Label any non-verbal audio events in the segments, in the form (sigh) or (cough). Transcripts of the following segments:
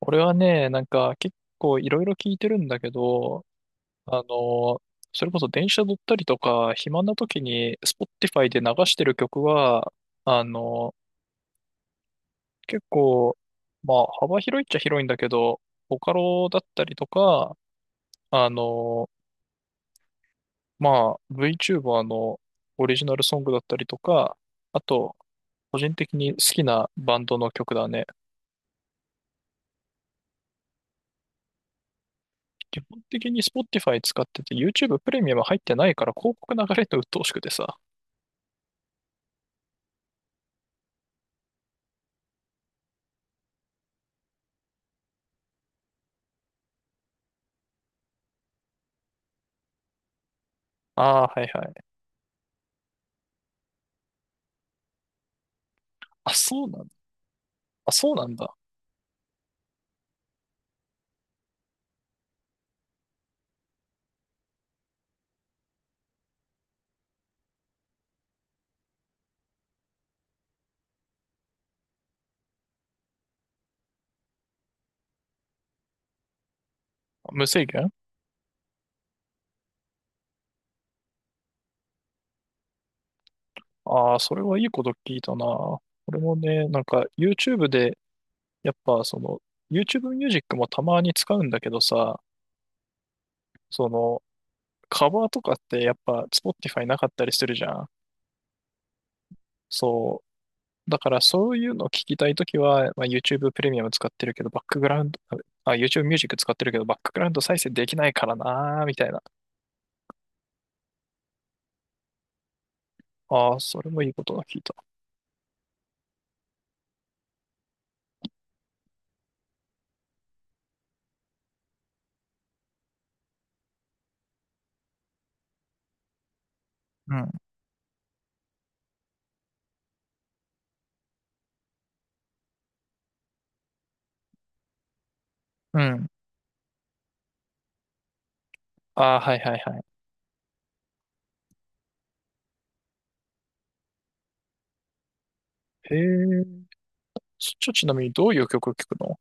俺はね、なんか結構いろいろ聞いてるんだけど、あの、それこそ電車乗ったりとか、暇な時に Spotify で流してる曲は、あの、結構、まあ幅広いっちゃ広いんだけど、ボカロだったりとか、あの、まあ VTuber のオリジナルソングだったりとか、あと、個人的に好きなバンドの曲だね。基本的に Spotify 使ってて YouTube プレミアム入ってないから広告流れるの鬱陶しくてさ。ああ、はいはい。あ、そうなんだ。あ、そうなんだ。無制限。ああー、それはいいこと聞いたな。俺もね、なんか YouTube で、やっぱその、YouTube ミュージックもたまに使うんだけどさ、その、カバーとかってやっぱ Spotify なかったりするじゃん。そう。だからそういうのを聞きたいときは、まあ、YouTube プレミアム使ってるけど、バックグラウンド、あ、YouTube ミュージック使ってるけど、バックグラウンド再生できないからなー、みたいな。ああ、それもいいことが聞いた。うん。うん。ああ、はいはいはい。へえ。ちなみにどういう曲を聴くの？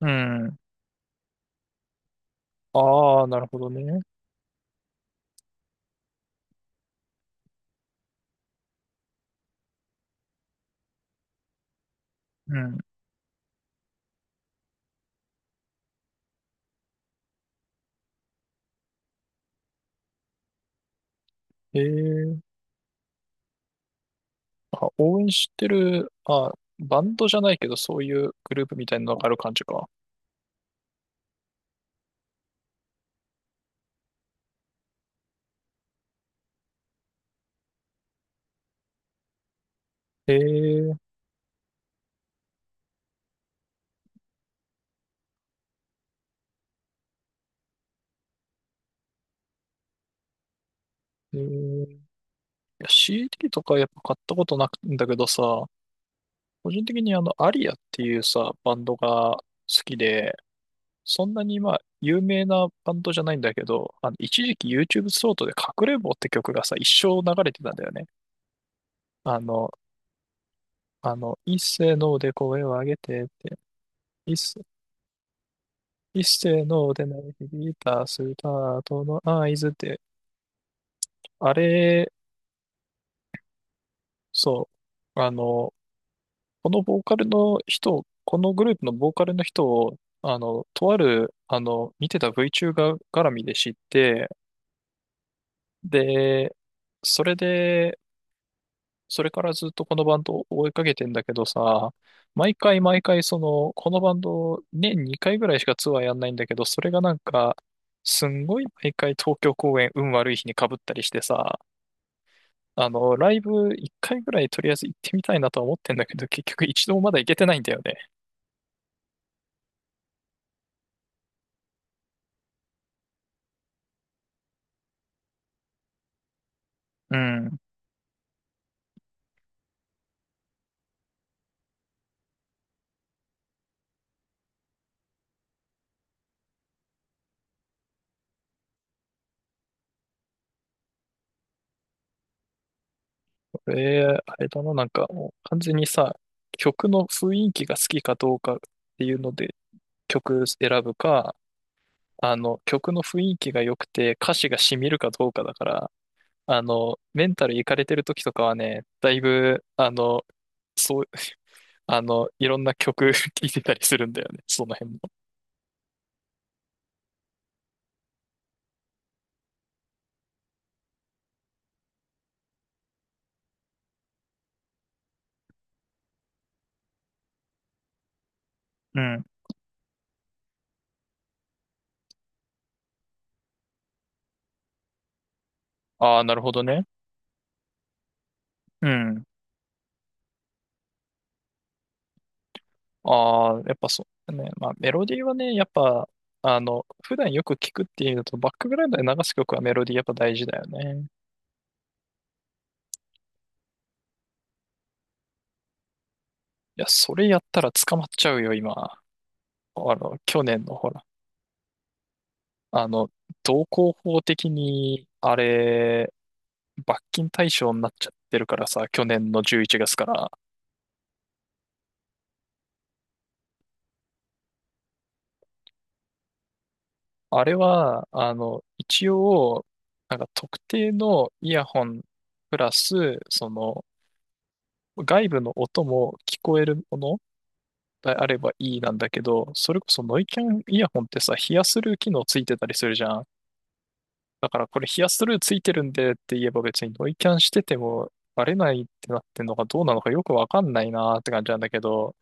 うん。ああ、なるほどね。うん。ええ。あ、応援してる、まあ、バンドじゃないけど、そういうグループみたいなのがある感じか。ええ。ええ。いや、 CD とかやっぱ買ったことなくんだけどさ、個人的にアリアっていうさ、バンドが好きで、そんなにまあ、有名なバンドじゃないんだけど、一時期 YouTube ショートで隠れんぼって曲がさ、一生流れてたんだよね。あの、一斉ので声を上げてって、一斉、一斉ので鳴り響いたスタートの合図って、あれ、そう、このボーカルの人、このグループのボーカルの人を、とある、見てた VTuber 絡みで知って、で、それで、それからずっとこのバンドを追いかけてんだけどさ、毎回毎回その、このバンド年2回ぐらいしかツアーやんないんだけど、それがなんか、すんごい毎回東京公演運悪い日に被ったりしてさ、ライブ1回ぐらいとりあえず行ってみたいなとは思ってんだけど、結局一度もまだ行けてないんだよね。うん。これ、あれだな、なんかもう完全にさ、曲の雰囲気が好きかどうかっていうので曲選ぶか、曲の雰囲気が良くて、歌詞が染みるかどうかだから、メンタルいかれてる時とかはね、だいぶ、そう、(laughs) いろんな曲 (laughs) 聴いてたりするんだよね、その辺も。うん。ああ、なるほどね。うん。ああ、やっぱそうね。まあ、メロディーはね、やっぱ、普段よく聴くっていうのと、バックグラウンドで流す曲はメロディーやっぱ大事だよね。いや、それやったら捕まっちゃうよ、今。去年のほらあの、道交法的に、あれ、罰金対象になっちゃってるからさ、去年の11月から。あれは、一応、なんか特定のイヤホンプラス、その、外部の音も聞こえるものであればいいなんだけど、それこそノイキャンイヤホンってさ、ヒアスルー機能ついてたりするじゃん。だからこれヒアスルーついてるんでって言えば別にノイキャンしててもバレないってなってんのかどうなのかよくわかんないなーって感じなんだけど、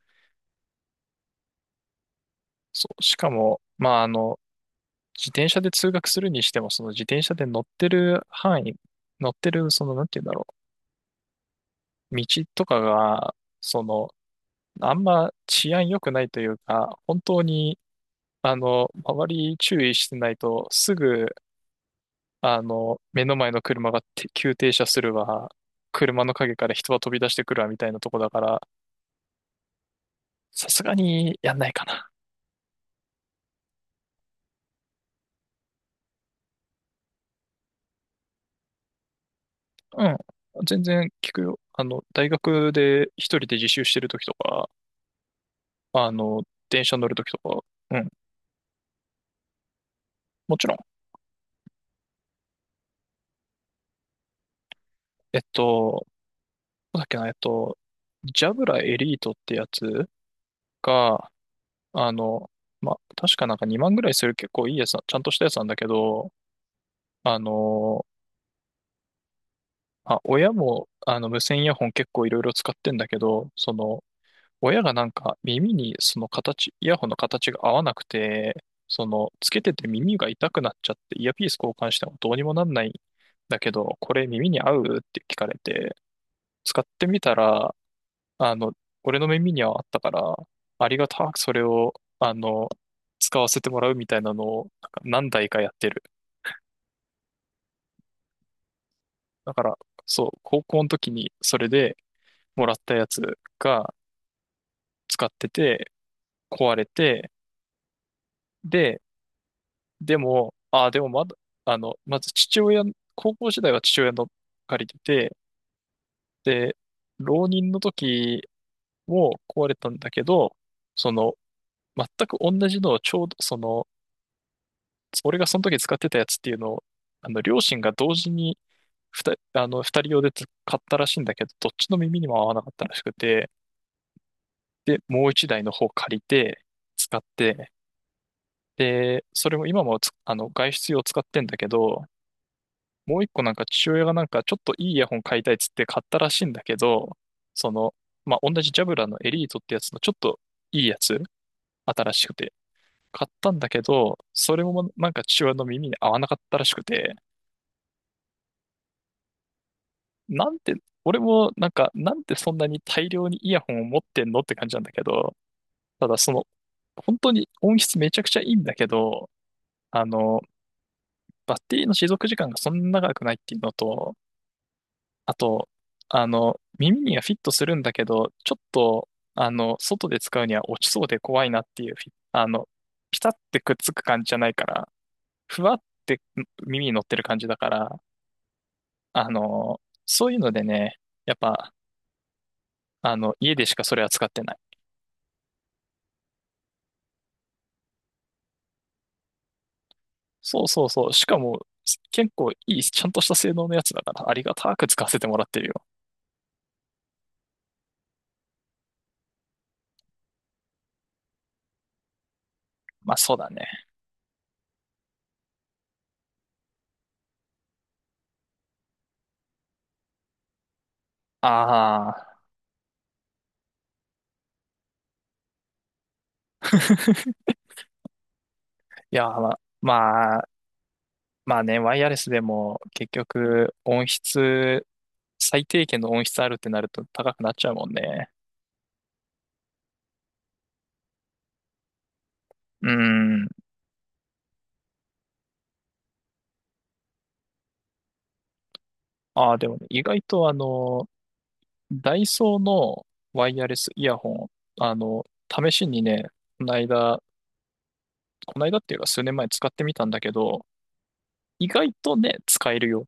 そう、しかも、まあ、自転車で通学するにしても、その自転車で乗ってる範囲、乗ってる、その、なんて言うんだろう、道とかが、その、あんま治安良くないというか、本当に、周り注意してないと、すぐ、目の前の車がて急停車するわ、車の陰から人が飛び出してくるわ、みたいなとこだから、さすがにやんないかな。うん。全然聞くよ。大学で一人で自習してる時とか、あの、電車乗るときとか、うん、もちろん。えっと、どうだっけな、ジャブラエリートってやつが、あの、確かなんか2万ぐらいする結構いいやつな、ちゃんとしたやつなんだけど、あの、親も、無線イヤホン結構いろいろ使ってんだけど、その、親がなんか耳にその形、イヤホンの形が合わなくて、その、つけてて耳が痛くなっちゃって、イヤピース交換してもどうにもなんないんだけど、これ耳に合うって聞かれて、使ってみたら、あの、俺の耳にはあったから、ありがたくそれを、使わせてもらうみたいなのを、なんか何台かやってる。だから、そう、高校の時にそれでもらったやつが使ってて、壊れて、で、でも、ああ、でもまだ、まず父親、高校時代は父親の借りてて、で、浪人の時も壊れたんだけど、その、全く同じのをちょうど、その、俺がその時使ってたやつっていうのを、両親が同時に二人用で買ったらしいんだけど、どっちの耳にも合わなかったらしくて、で、もう一台の方借りて、使って、で、それも今もつ外出用使ってんだけど、もう一個なんか父親がなんかちょっといいイヤホン買いたいっつって買ったらしいんだけど、その、まあ、同じジャブラのエリートってやつのちょっといいやつ、新しくて、買ったんだけど、それもなんか父親の耳に合わなかったらしくて、なんて、俺もなんか、なんてそんなに大量にイヤホンを持ってんのって感じなんだけど、ただその、本当に音質めちゃくちゃいいんだけど、あの、バッテリーの持続時間がそんな長くないっていうのと、あと、耳にはフィットするんだけど、ちょっと、外で使うには落ちそうで怖いなっていうフィ、あの、ピタってくっつく感じじゃないから、ふわって耳に乗ってる感じだから、あの、そういうのでね、やっぱ、家でしかそれは使ってない。そうそうそう。しかも、結構いい、ちゃんとした性能のやつだから、ありがたく使わせてもらってるよ。まあそうだね。ああ。(laughs) いや、まあ、(laughs) まあ、まあね、ワイヤレスでも結局音質、最低限の音質あるってなると高くなっちゃうもんね。うん。ああ、でもね、意外とダイソーのワイヤレスイヤホン、試しにね、この間、この間っていうか数年前使ってみたんだけど、意外とね、使えるよ。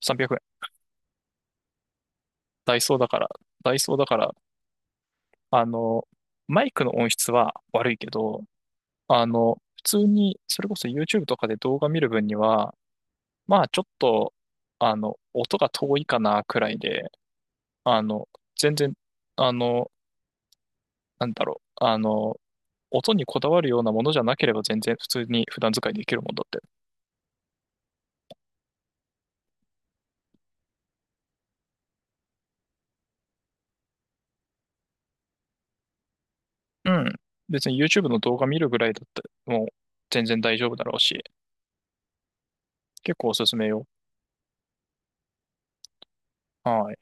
300。ダイソーだから、ダイソーだから、あの、マイクの音質は悪いけど、普通に、それこそ YouTube とかで動画見る分には、まあちょっと、音が遠いかなくらいで、あの、全然、あの、なんだろう、音にこだわるようなものじゃなければ全然普通に普段使いできるもんだって。うん。別に YouTube の動画見るぐらいだって、もう全然大丈夫だろうし、結構おすすめよ。はい。